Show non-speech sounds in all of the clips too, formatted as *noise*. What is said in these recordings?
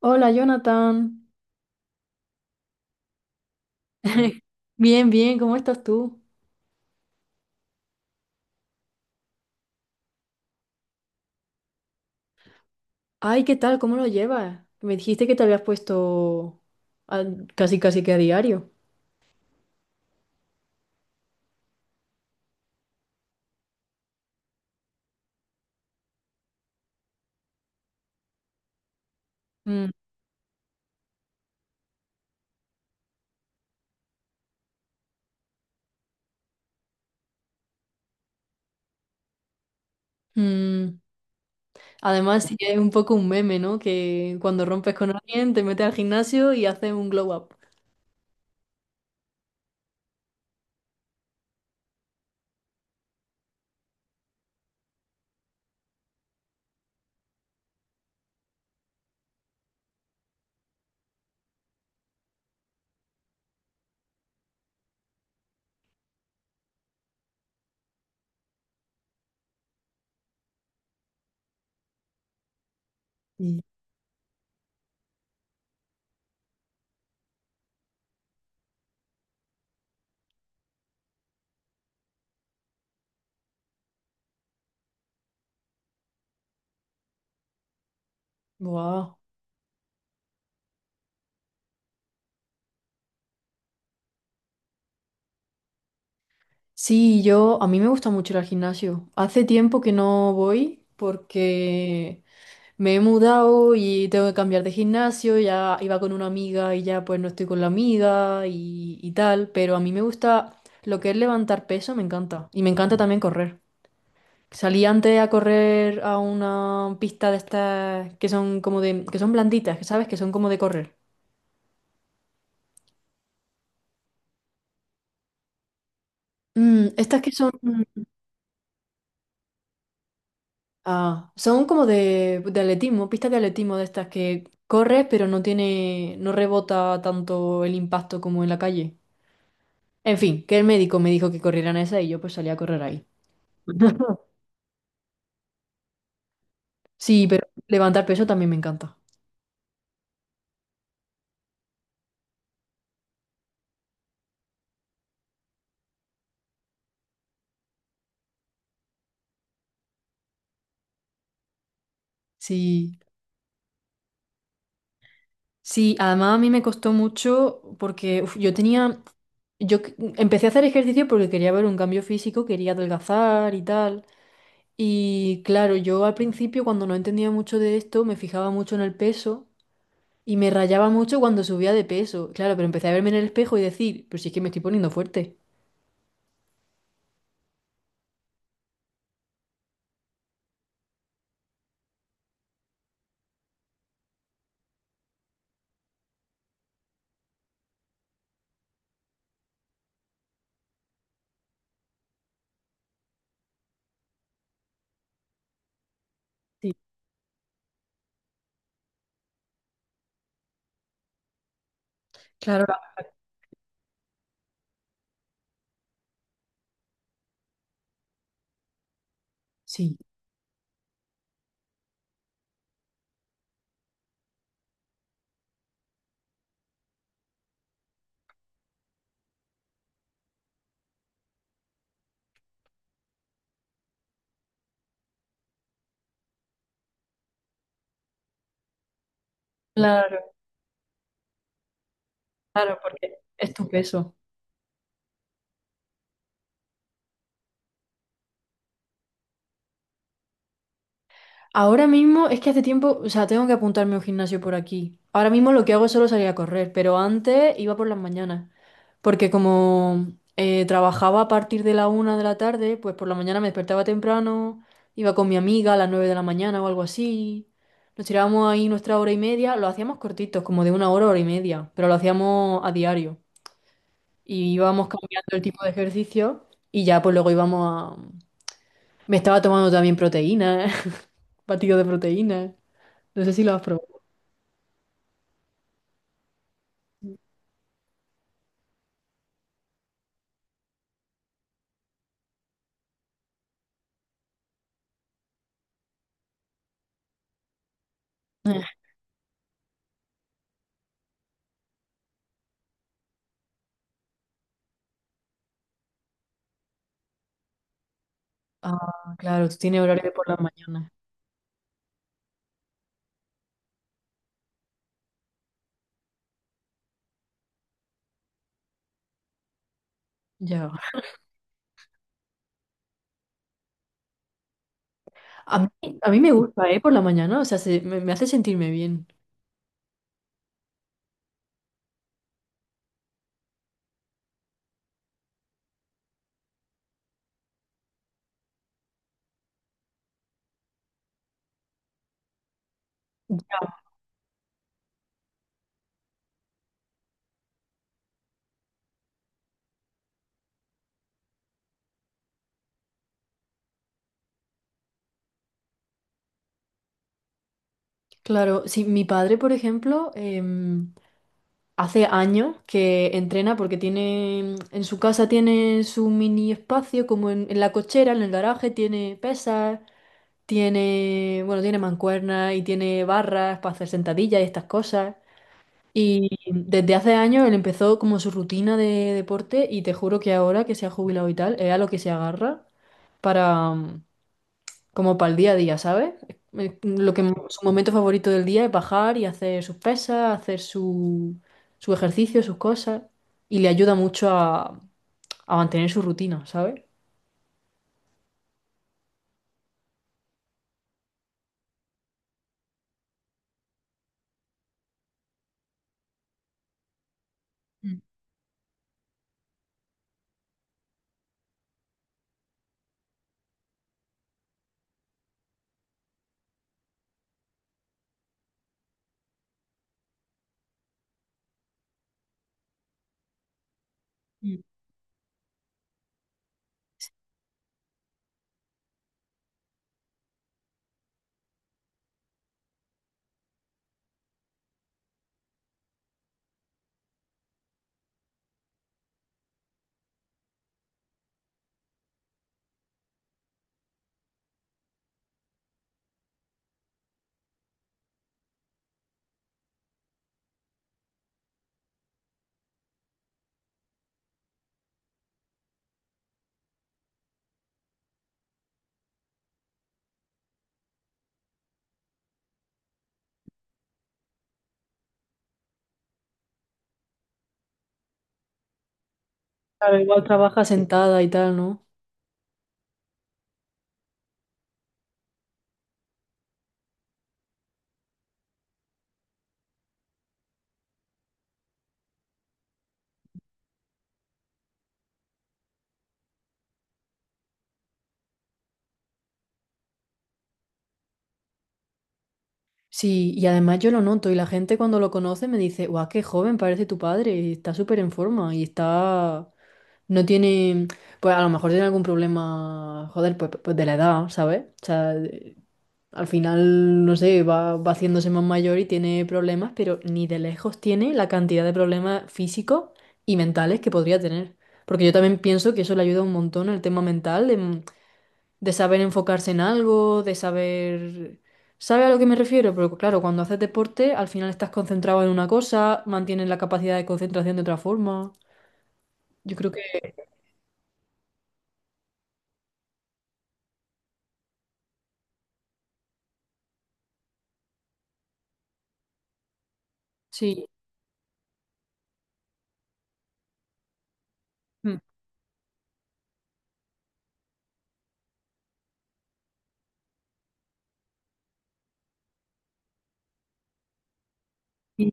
Hola, Jonathan. *laughs* Bien, bien, ¿cómo estás tú? Ay, ¿qué tal? ¿Cómo lo llevas? Me dijiste que te habías puesto a- casi, casi que a diario. Mm, mm. Además, sí que es un poco un meme, ¿no? Que cuando rompes con alguien, te metes al gimnasio y haces un glow up. Y- Wow. Sí, a mí me gusta mucho ir al gimnasio. Hace tiempo que no voy porque me he mudado y tengo que cambiar de gimnasio, ya iba con una amiga y ya pues no estoy con la amiga y tal, pero a mí me gusta lo que es levantar peso, me encanta. Y me encanta también correr. Salí antes a correr a una pista de estas que son como de, que son blanditas, que sabes que son como de correr. Mm, estas que son, ah, son como de atletismo, pistas de atletismo de estas que corres pero no tiene, no rebota tanto el impacto como en la calle. En fin, que el médico me dijo que corrieran esa y yo pues salí a correr ahí. *laughs* Sí, pero levantar peso también me encanta. Sí, sí, además a mí me costó mucho porque uf, yo tenía, yo que- empecé a hacer ejercicio porque quería ver un cambio físico, quería adelgazar y tal. Y claro, yo al principio cuando no entendía mucho de esto, me fijaba mucho en el peso y me rayaba mucho cuando subía de peso. Claro, pero empecé a verme en el espejo y decir, pues si es que me estoy poniendo fuerte. Sí, claro, sí. Claro, claro, porque es tu peso. Ahora mismo es que hace tiempo, o sea, tengo que apuntarme a un gimnasio por aquí. Ahora mismo lo que hago es solo salir a correr, pero antes iba por las mañanas. Porque como trabajaba a partir de la 1 de la tarde, pues por la mañana me despertaba temprano, iba con mi amiga a las 9 de la mañana o algo así. Nos tirábamos ahí nuestra hora y media, lo hacíamos cortitos, como de una hora, hora y media, pero lo hacíamos a diario. Y íbamos cambiando el tipo de ejercicio y ya pues luego íbamos. Me estaba tomando también proteína, *laughs* batido de proteína. No sé si lo has probado. Eh. Ah, claro, tú tienes horario de por la mañana. Ya. A mí me gusta, ¿eh? Por la mañana, o sea, me hace sentirme bien. Claro, sí, mi padre, por ejemplo, hace años que entrena porque tiene, en su casa tiene su mini espacio, como en la cochera, en el garaje, tiene pesas, tiene, bueno, tiene mancuernas y tiene barras para hacer sentadillas y estas cosas. Y desde hace años él empezó como su rutina de deporte y te juro que ahora que se ha jubilado y tal, es a lo que se agarra para como para el día a día, ¿sabes? Lo que su momento favorito del día es bajar y hacer sus pesas, hacer su, su ejercicio, sus cosas, y le ayuda mucho a mantener su rutina, ¿sabes? Mm, mm. Claro, igual trabaja sentada y tal, ¿no? Sí, y además yo lo noto y la gente cuando lo conoce me dice, guau, qué joven parece tu padre, y está súper en forma y está... No tiene... Pues a lo mejor tiene algún problema, joder, pues, pues de la edad, ¿sabes? O sea, al final, no sé, va, va haciéndose más mayor y tiene problemas, pero ni de lejos tiene la cantidad de problemas físicos y mentales que podría tener. Porque yo también pienso que eso le ayuda un montón al tema mental, de saber enfocarse en algo, de saber... ¿Sabe a lo que me refiero? Pero claro, cuando haces deporte, al final estás concentrado en una cosa, mantienes la capacidad de concentración de otra forma. Yo creo que sí. Mm. Sí,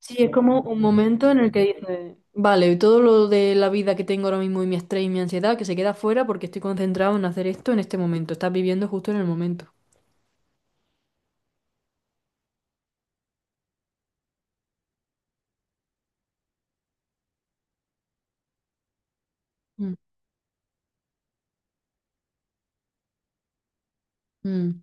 sí, es como un momento en el que dices, vale, y todo lo de la vida que tengo ahora mismo y mi estrés y mi ansiedad que se queda fuera porque estoy concentrado en hacer esto en este momento. Estás viviendo justo en el momento. Mm. Mm.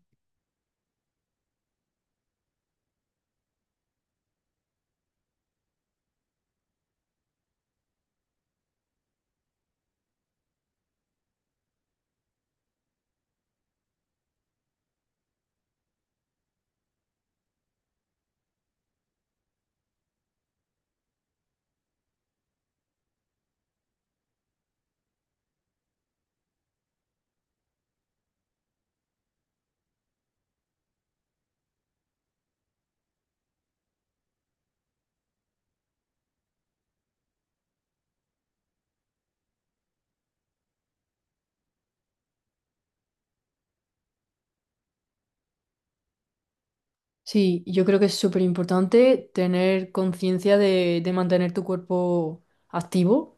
Sí, yo creo que es súper importante tener conciencia de mantener tu cuerpo activo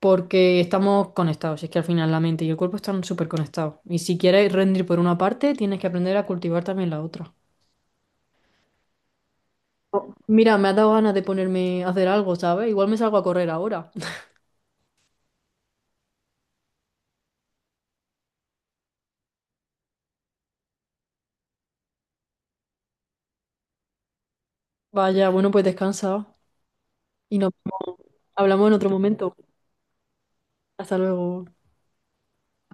porque estamos conectados, es que al final la mente y el cuerpo están súper conectados. Y si quieres rendir por una parte, tienes que aprender a cultivar también la otra. Oh, mira, me ha dado ganas de ponerme a hacer algo, ¿sabes? Igual me salgo a correr ahora. *laughs* Vaya, bueno, pues descansa y nos hablamos en otro momento. Hasta luego.